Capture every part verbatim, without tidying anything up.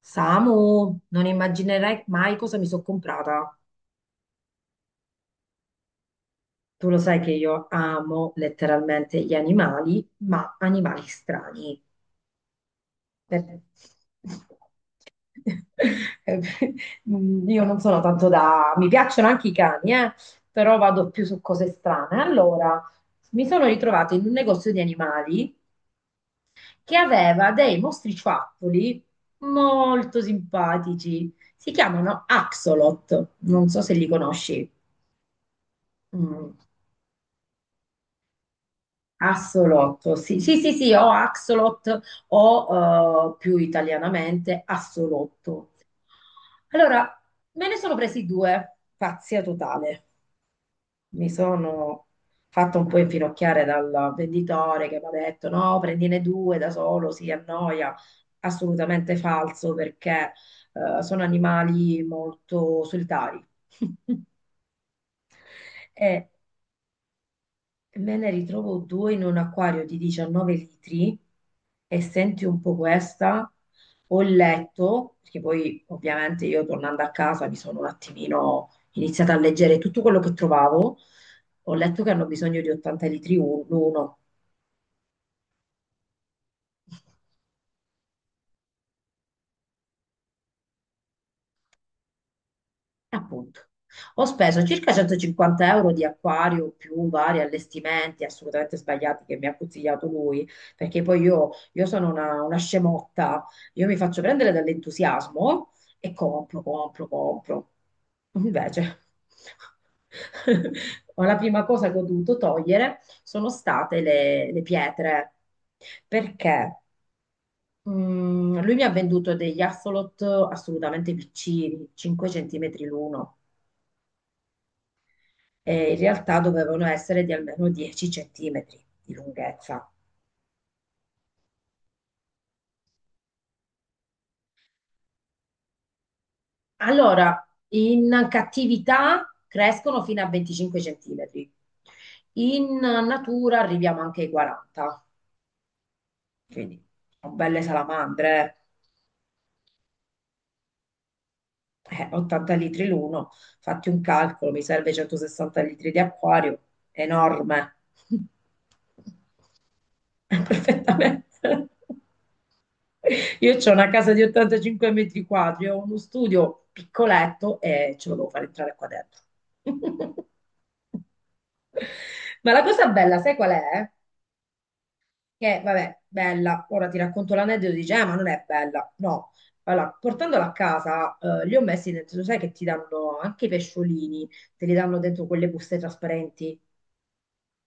Samu, non immaginerai mai cosa mi sono comprata. Tu lo sai che io amo letteralmente gli animali, ma animali strani. Per- Mm, Io non sono tanto da. Mi piacciono anche i cani, eh, però vado più su cose strane. Allora, mi sono ritrovata in un negozio di animali che aveva dei mostriciattoli molto simpatici. Si chiamano Axolot, non so se li conosci. Mm, Axolotl, sì, sì, sì, sì, o Axolot o eh, più italianamente Assolotto. Allora, me ne sono presi due, pazzia totale. Mi sono fatta un po' infinocchiare dal venditore che mi ha detto no, prendine due da solo, si annoia. Assolutamente falso perché eh, sono animali molto solitari. E Me ne ritrovo due in un acquario di diciannove litri e senti un po' questa. Ho letto, perché poi ovviamente io tornando a casa mi sono un attimino iniziata a leggere tutto quello che trovavo. Ho letto che hanno bisogno di ottanta litri uno. Appunto, ho speso circa centocinquanta euro di acquario più vari allestimenti assolutamente sbagliati che mi ha consigliato lui, perché poi io, io sono una, una scemotta, io mi faccio prendere dall'entusiasmo e compro, compro, compro. Invece, la prima cosa che ho dovuto togliere sono state le, le pietre, perché mm, lui mi ha venduto degli axolot assolutamente piccini, cinque centimetri l'uno. E in realtà dovevano essere di almeno dieci centimetri di lunghezza. Allora, in cattività crescono fino a venticinque centimetri, in natura arriviamo anche ai quaranta, quindi sono belle salamandre. eh, ottanta litri l'uno, fatti un calcolo, mi serve centosessanta litri di acquario, enorme. Perfettamente. Io ho una casa di ottantacinque metri quadri, ho uno studio piccoletto e ce lo devo fare entrare qua dentro. Ma la cosa bella, sai qual è? Che, vabbè, bella, ora ti racconto l'aneddoto, dice, eh, ma non è bella. No, allora, portandola a casa, eh, li ho messi dentro, sai che ti danno anche i pesciolini, te li danno dentro quelle buste trasparenti,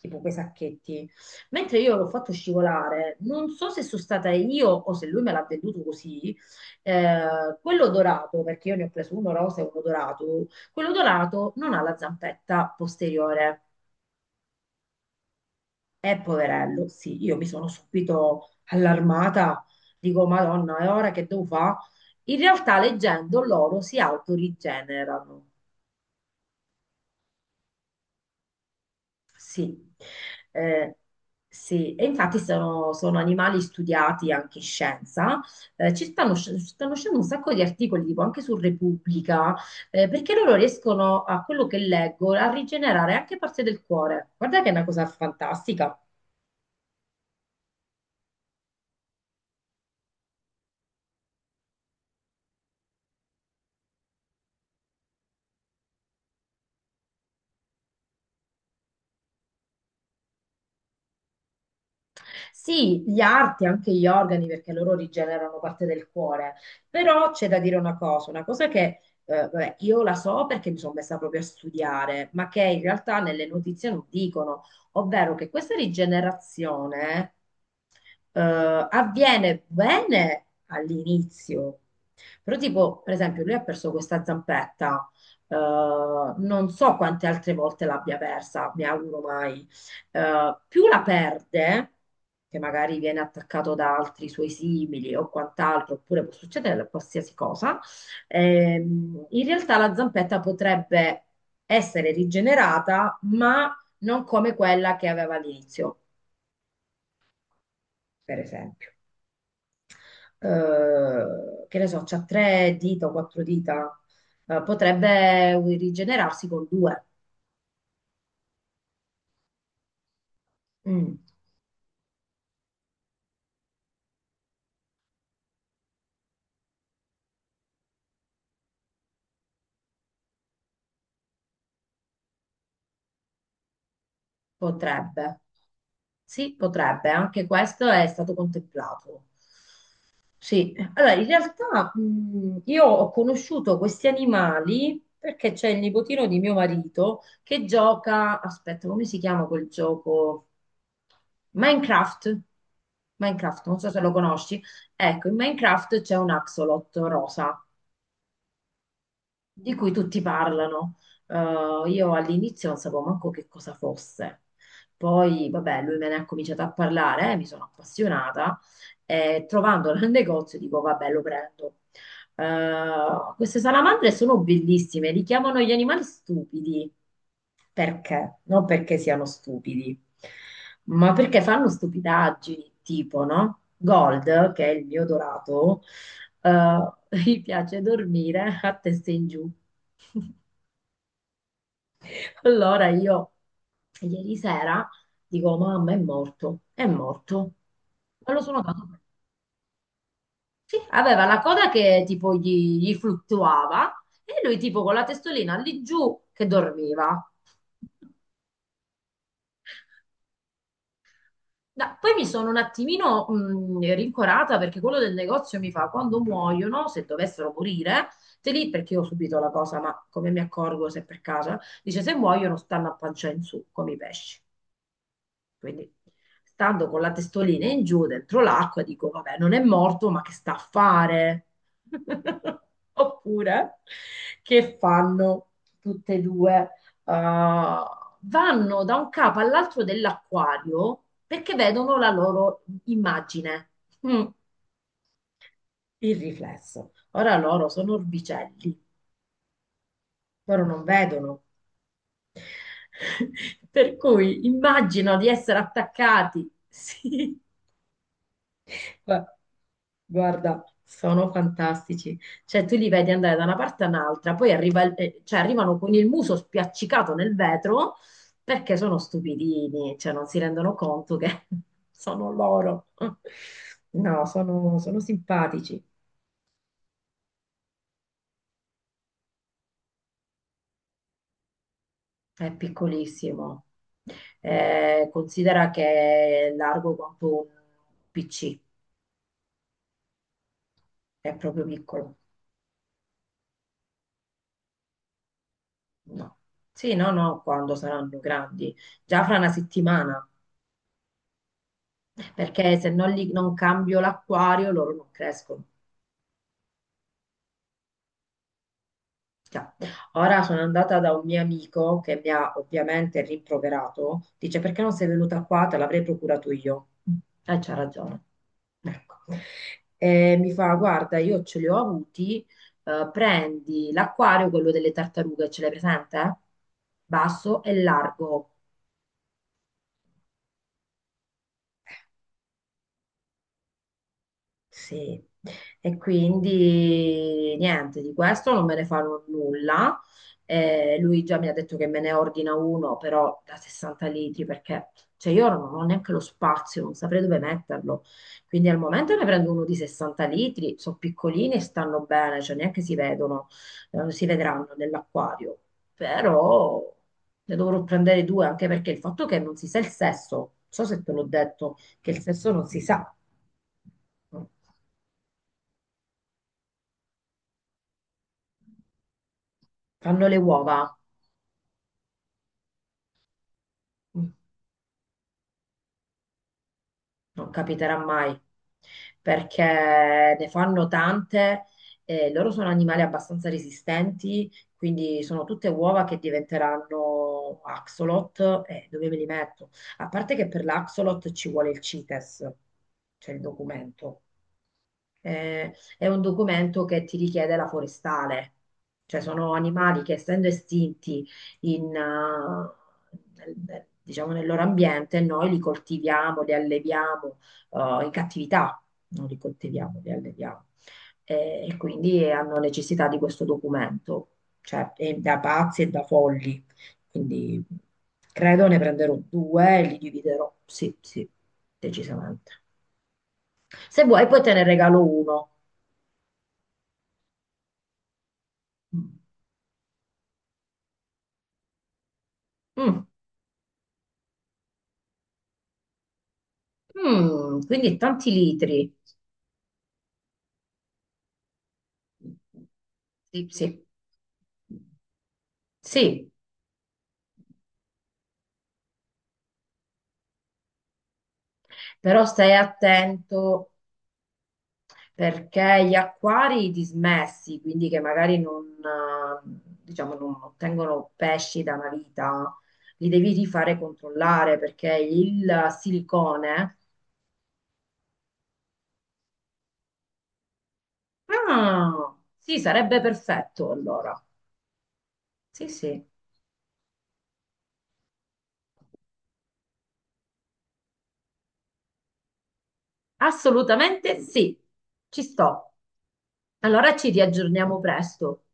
tipo quei sacchetti. Mentre io l'ho fatto scivolare, non so se sono stata io o se lui me l'ha venduto così, eh, quello dorato, perché io ne ho preso uno rosa e uno dorato, quello dorato non ha la zampetta posteriore. È poverello, sì, io mi sono subito allarmata, dico, Madonna, e ora che devo fare? In realtà leggendo loro si autorigenerano. Sì, eh, sì. E infatti sono, sono animali studiati anche in scienza. Eh, ci stanno, sc- stanno uscendo un sacco di articoli, tipo anche su Repubblica, eh, perché loro riescono, a quello che leggo, a rigenerare anche parte del cuore. Guarda che è una cosa fantastica. Sì, gli arti, anche gli organi, perché loro rigenerano parte del cuore. Però c'è da dire una cosa, una cosa che eh, vabbè, io la so perché mi sono messa proprio a studiare, ma che in realtà nelle notizie non dicono, ovvero che questa rigenerazione eh, avviene bene all'inizio. Però tipo, per esempio, lui ha perso questa zampetta, eh, non so quante altre volte l'abbia persa, mi auguro mai eh, più la perde, che magari viene attaccato da altri suoi simili o quant'altro, oppure può succedere qualsiasi cosa, ehm, in realtà la zampetta potrebbe essere rigenerata, ma non come quella che aveva all'inizio, per esempio. Eh, che ne so, c'ha tre dita o quattro dita, eh, potrebbe rigenerarsi con due. Mm, potrebbe. Sì, potrebbe, anche questo è stato contemplato. Sì, allora in realtà mh, io ho conosciuto questi animali perché c'è il nipotino di mio marito che gioca, aspetta, come si chiama quel gioco? Minecraft. Minecraft, non so se lo conosci. Ecco, in Minecraft c'è un axolot rosa di cui tutti parlano. Eh, io all'inizio non sapevo manco che cosa fosse. Poi, vabbè, lui me ne ha cominciato a parlare, mi sono appassionata e trovandola nel negozio dico, vabbè, lo prendo. Eh, queste salamandre sono bellissime, li chiamano gli animali stupidi. Perché? Non perché siano stupidi, ma perché fanno stupidaggini, tipo, no? Gold, che è il mio dorato, eh, gli piace dormire a testa in giù. Allora io ieri sera dico, mamma è morto, è morto. Ma lo sono notato. Sì, aveva la coda che tipo gli, gli fluttuava e lui tipo con la testolina lì giù che dormiva. Da- poi mi sono un attimino mh, rincorata perché quello del negozio mi fa quando muoiono, se dovessero morire, te li, perché io ho subito la cosa, ma come mi accorgo se per caso, dice se muoiono stanno a pancia in su come i pesci. Quindi, stando con la testolina in giù dentro l'acqua, dico, vabbè, non è morto, ma che sta a fare? Oppure, che fanno tutte e due? Uh, vanno da un capo all'altro dell'acquario perché vedono la loro immagine, Mm, il riflesso. Ora loro sono orbicelli, loro non vedono. Per cui immagino di essere attaccati. Sì, Beh, guarda, sono fantastici. Cioè, tu li vedi andare da una parte all'altra, poi arriva il- eh, cioè, arrivano con il muso spiaccicato nel vetro perché sono stupidini, cioè non si rendono conto che sono loro. No, sono, sono simpatici. È piccolissimo. Eh, considera che è largo quanto un P C, è proprio piccolo. No. Sì, no, no, quando saranno grandi. Già fra una settimana. Perché se non, li- non cambio l'acquario loro non crescono. Cioè, ora sono andata da un mio amico che mi ha ovviamente rimproverato, dice perché non sei venuta qua, te l'avrei procurato io. E c'ha ragione. Ecco. E mi fa, guarda, io ce li ho avuti, eh, prendi l'acquario, quello delle tartarughe, ce l'hai presente? Basso e largo. Sì, e quindi niente, di questo non me ne farò nulla. Eh, lui già mi ha detto che me ne ordina uno, però da sessanta litri, perché cioè, io non ho neanche lo spazio, non saprei dove metterlo. Quindi al momento ne prendo uno di sessanta litri, sono piccolini e stanno bene, cioè neanche si vedono, eh, si vedranno nell'acquario. Però ne dovrò prendere due, anche perché il fatto che non si sa il sesso, non so se te l'ho detto che il sesso non si sa. Fanno le uova, non capiterà mai, perché ne fanno tante e loro sono animali abbastanza resistenti, quindi sono tutte uova che diventeranno axolot e dove me li metto? A parte che per l'axolot ci vuole il CITES, cioè il documento. Eh, è un documento che ti richiede la forestale, cioè sono animali che essendo estinti in, eh, nel- nel- diciamo nel loro ambiente, noi li coltiviamo, li alleviamo, eh, in cattività, non li coltiviamo, li alleviamo. Eh, e quindi hanno necessità di questo documento, cioè è da pazzi e da folli. Quindi credo ne prenderò due e li dividerò, sì, sì, decisamente. Se vuoi poi te ne regalo uno. Mm. Mm, quindi tanti litri. Sì, sì, sì, però stai attento perché gli acquari dismessi, quindi che magari non, eh, diciamo, non ottengono pesci da una vita, li devi rifare controllare perché il silicone. Ah, sì, sarebbe perfetto allora. Sì, sì. Assolutamente sì, ci sto. Allora ci riaggiorniamo presto.